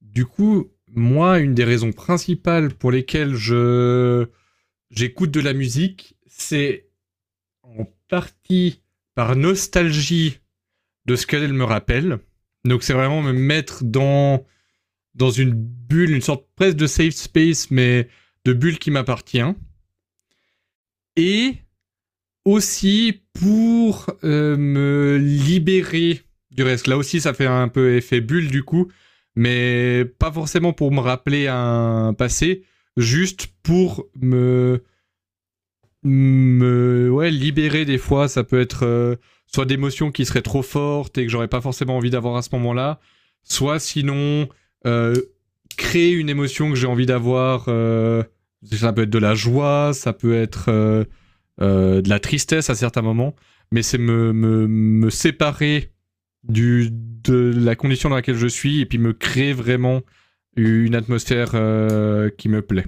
Du coup, moi, une des raisons principales pour lesquelles je j'écoute de la musique, c'est en partie par nostalgie de ce qu'elle me rappelle. Donc c'est vraiment me mettre dans une bulle, une sorte presque de safe space, mais de bulle qui m'appartient. Et aussi pour me libérer du reste. Là aussi, ça fait un peu effet bulle du coup, mais pas forcément pour me rappeler un passé, juste pour me, ouais, libérer des fois. Ça peut être soit d'émotions qui seraient trop fortes et que j'aurais pas forcément envie d'avoir à ce moment-là, soit sinon euh, créer une émotion que j'ai envie d'avoir. Ça peut être de la joie, ça peut être de la tristesse à certains moments, mais c'est me séparer de la condition dans laquelle je suis et puis me créer vraiment une atmosphère qui me plaît.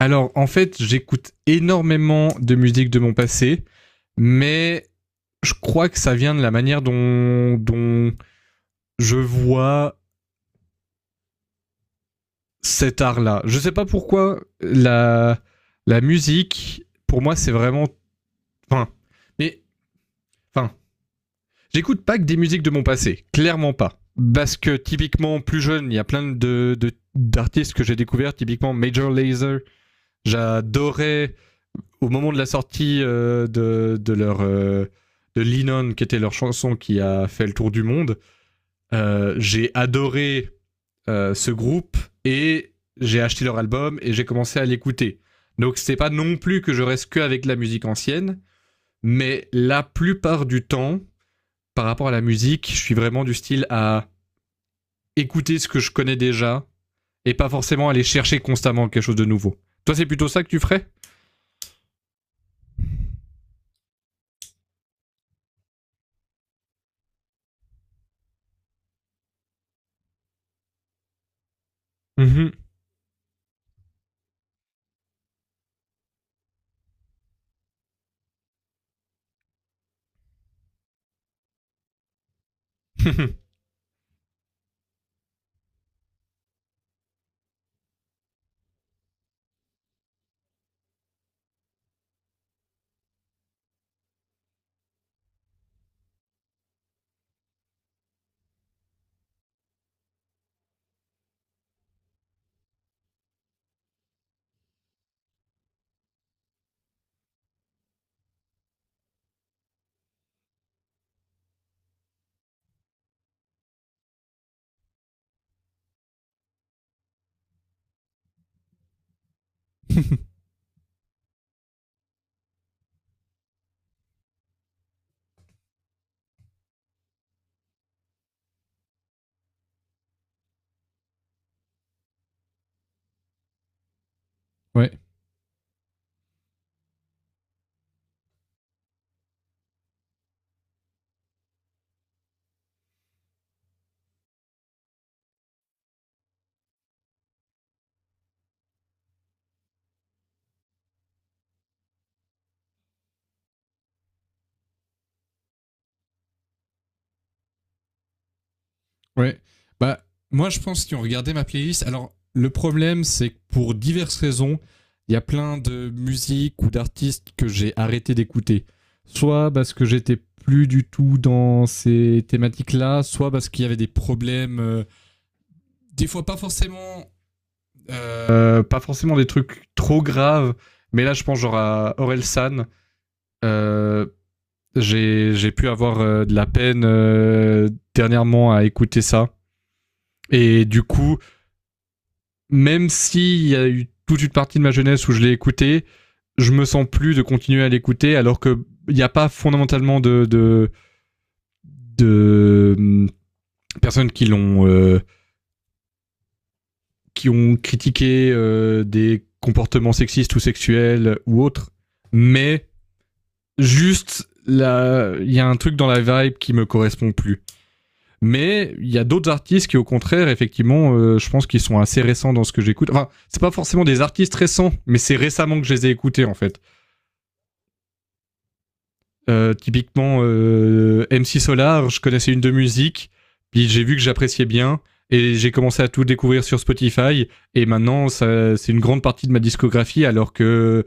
Alors en fait, j'écoute énormément de musique de mon passé, mais je crois que ça vient de la manière dont je vois cet art-là. Je sais pas pourquoi la musique, pour moi, c'est vraiment. Enfin, mais. Enfin, j'écoute pas que des musiques de mon passé, clairement pas. Parce que typiquement, plus jeune, il y a plein d'artistes que j'ai découverts, typiquement Major Lazer. J'adorais au moment de la sortie de leur. De Lennon, qui était leur chanson qui a fait le tour du monde. J'ai adoré ce groupe et j'ai acheté leur album et j'ai commencé à l'écouter. Donc c'est pas non plus que je reste que avec la musique ancienne, mais la plupart du temps, par rapport à la musique, je suis vraiment du style à écouter ce que je connais déjà et pas forcément aller chercher constamment quelque chose de nouveau. Toi, c'est plutôt ça que tu ferais? Mhm. Ouais, ouais. Bah, moi, je pense qu'ils ont regardé ma playlist. Alors, le problème, c'est que pour diverses raisons, il y a plein de musiques ou d'artistes que j'ai arrêté d'écouter. Soit parce que j'étais plus du tout dans ces thématiques-là, soit parce qu'il y avait des problèmes, des fois pas forcément des trucs trop graves, mais là, je pense genre à Orelsan. Euh, j'ai pu avoir de la peine dernièrement à écouter ça. Et du coup, même s'il y a eu toute une partie de ma jeunesse où je l'ai écouté, je me sens plus de continuer à l'écouter alors que il n'y a pas fondamentalement de personnes qui ont critiqué des comportements sexistes ou sexuels ou autres. Mais juste, là, il y a un truc dans la vibe qui me correspond plus. Mais il y a d'autres artistes qui, au contraire, effectivement, je pense qu'ils sont assez récents dans ce que j'écoute. Enfin, c'est pas forcément des artistes récents, mais c'est récemment que je les ai écoutés, en fait. Typiquement, MC Solar, je connaissais une de musique, puis j'ai vu que j'appréciais bien, et j'ai commencé à tout découvrir sur Spotify, et maintenant, ça, c'est une grande partie de ma discographie, alors que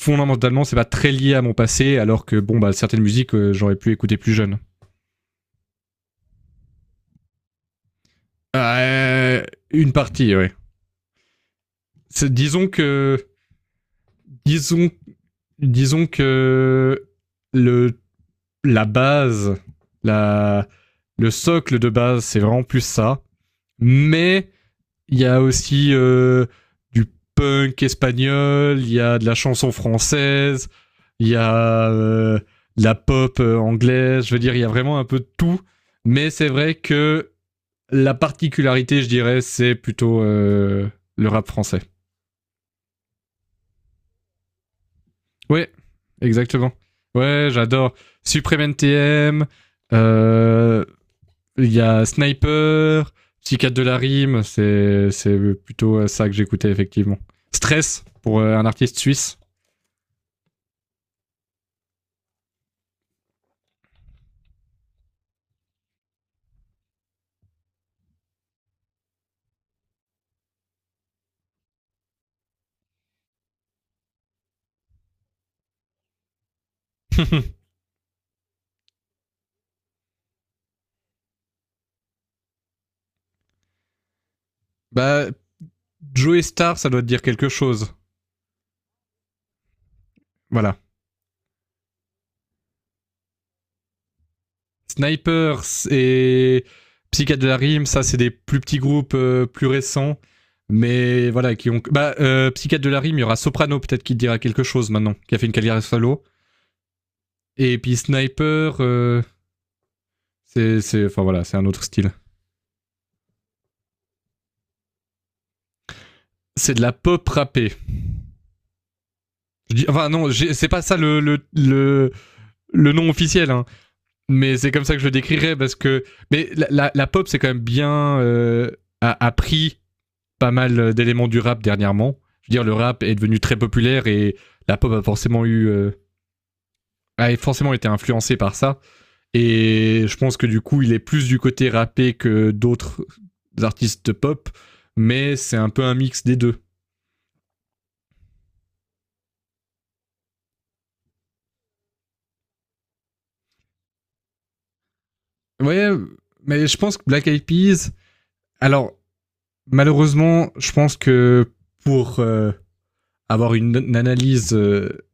fondamentalement, c'est pas très lié à mon passé, alors que, bon, bah, certaines musiques, j'aurais pu écouter plus jeune. Euh, une partie, oui. Disons que, disons, disons que le, la base, la, le socle de base, c'est vraiment plus ça. Mais il y a aussi du punk espagnol, il y a de la chanson française, il y a de la pop anglaise. Je veux dire, il y a vraiment un peu de tout. Mais c'est vrai que la particularité, je dirais, c'est plutôt le rap français. Ouais, exactement. Ouais, j'adore. Supreme NTM, euh, il y a Sniper, Psychiatre de la rime, c'est plutôt ça que j'écoutais effectivement. Stress, pour un artiste suisse. Bah, Joey Star, ça doit te dire quelque chose. Voilà. Sniper et Psychiatre de la rime, ça c'est des plus petits groupes plus récents. Mais voilà, qui ont. Bah, Psychiatre de la rime, il y aura Soprano peut-être qui te dira quelque chose maintenant, qui a fait une carrière solo. Et puis Sniper, enfin voilà, c'est un autre style. C'est de la pop rappée. Je dis, enfin non, c'est pas ça le nom officiel, hein. Mais c'est comme ça que je le décrirais parce que, mais la pop c'est quand même bien a pris pas mal d'éléments du rap dernièrement. Je veux dire, le rap est devenu très populaire et la pop a forcément été influencée par ça. Et je pense que du coup, il est plus du côté rappé que d'autres artistes pop, mais c'est un peu un mix des deux. Ouais, mais je pense que Black Eyed Peas. Alors, malheureusement, je pense que pour avoir une analyse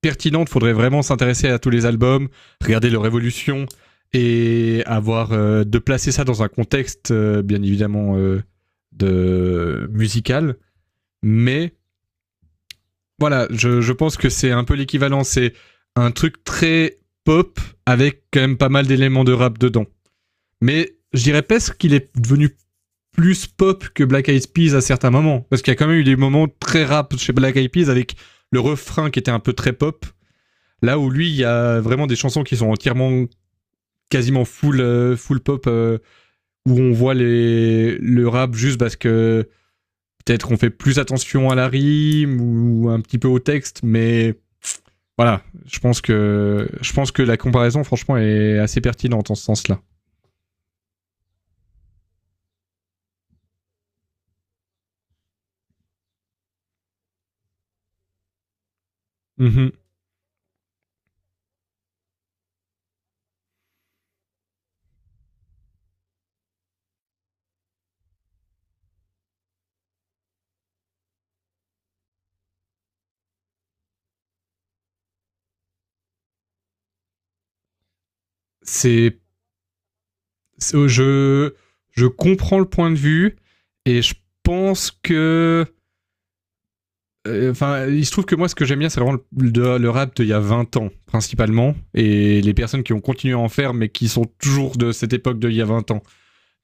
pertinente, il faudrait vraiment s'intéresser à tous les albums, regarder leur évolution et avoir de placer ça dans un contexte bien évidemment de musical. Mais voilà, je pense que c'est un peu l'équivalent. C'est un truc très pop avec quand même pas mal d'éléments de rap dedans. Mais je dirais presque qu'il est devenu plus pop que Black Eyed Peas à certains moments. Parce qu'il y a quand même eu des moments très rap chez Black Eyed Peas avec le refrain qui était un peu très pop. Là où lui, il y a vraiment des chansons qui sont entièrement quasiment full, pop, où on voit le rap juste parce que peut-être qu'on fait plus attention à la rime ou un petit peu au texte, mais voilà, je pense que la comparaison, franchement, est assez pertinente en ce sens-là. Mhm. C'est je, je comprends le point de vue et je pense que. Enfin, il se trouve que moi, ce que j'aime bien, c'est vraiment le rap d'il y a 20 ans, principalement, et les personnes qui ont continué à en faire, mais qui sont toujours de cette époque d'il y a 20 ans.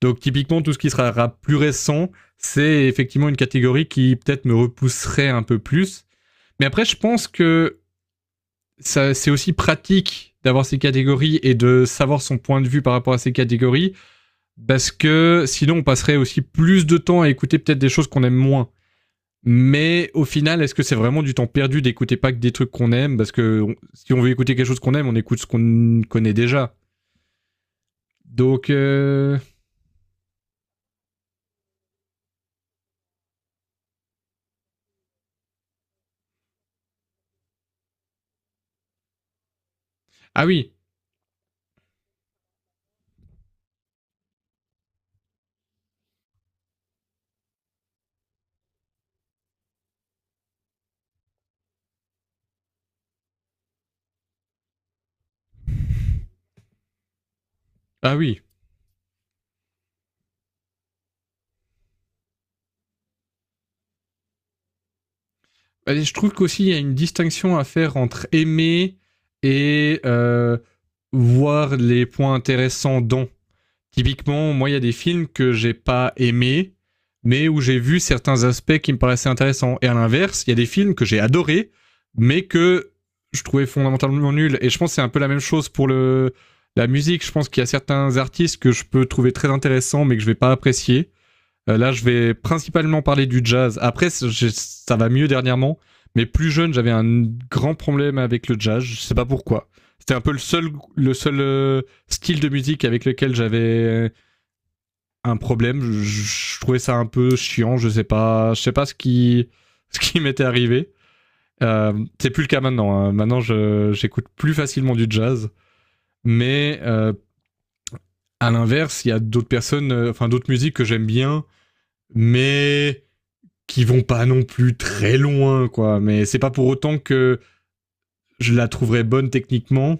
Donc, typiquement, tout ce qui sera rap plus récent, c'est effectivement une catégorie qui peut-être me repousserait un peu plus. Mais après, je pense que c'est aussi pratique d'avoir ces catégories et de savoir son point de vue par rapport à ces catégories parce que sinon on passerait aussi plus de temps à écouter peut-être des choses qu'on aime moins. Mais au final, est-ce que c'est vraiment du temps perdu d'écouter pas que des trucs qu'on aime? Parce que si on veut écouter quelque chose qu'on aime, on écoute ce qu'on connaît déjà. Donc ah oui, ah oui. Je trouve qu'aussi il y a une distinction à faire entre aimer et voir les points intéressants dans. Typiquement, moi, il y a des films que j'ai pas aimés, mais où j'ai vu certains aspects qui me paraissaient intéressants. Et à l'inverse, il y a des films que j'ai adorés, mais que je trouvais fondamentalement nuls. Et je pense que c'est un peu la même chose pour la musique. Je pense qu'il y a certains artistes que je peux trouver très intéressants, mais que je vais pas apprécier. Là, je vais principalement parler du jazz. Après, ça va mieux dernièrement. Mais plus jeune, j'avais un grand problème avec le jazz. Je sais pas pourquoi. C'était un peu le seul style de musique avec lequel j'avais un problème. Je trouvais ça un peu chiant. Je sais pas ce qui, ce qui m'était arrivé. Euh, c'est plus le cas maintenant. Hein. Maintenant, j'écoute plus facilement du jazz. Mais à l'inverse, il y a enfin d'autres musiques que j'aime bien, mais qui vont pas non plus très loin, quoi. Mais c'est pas pour autant que je la trouverais bonne techniquement.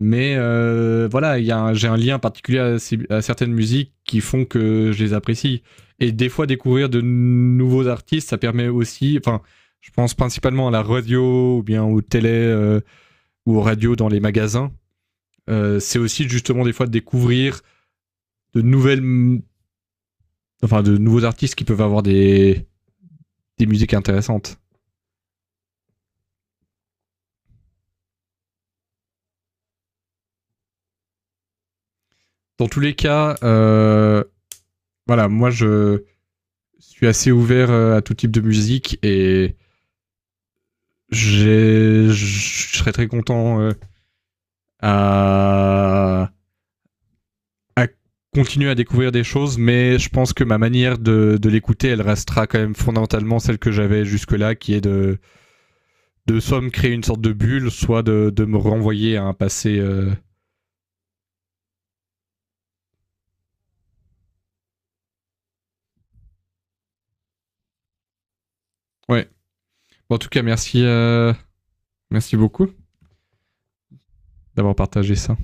Mais voilà, y a j'ai un lien particulier à certaines musiques qui font que je les apprécie. Et des fois, découvrir de nouveaux artistes, ça permet aussi. Enfin, je pense principalement à la radio ou bien aux télé ou aux radios dans les magasins. C'est aussi justement des fois de découvrir de nouvelles, enfin de nouveaux artistes qui peuvent avoir des musiques intéressantes. Dans tous les cas, voilà, moi je suis assez ouvert à tout type de musique et je serais très content à, à continuer à découvrir des choses, mais je pense que ma manière de l'écouter, elle restera quand même fondamentalement celle que j'avais jusque-là, qui est de soit me créer une sorte de bulle, soit de me renvoyer à un passé. Ouais. Bon, en tout cas, merci beaucoup d'avoir partagé ça.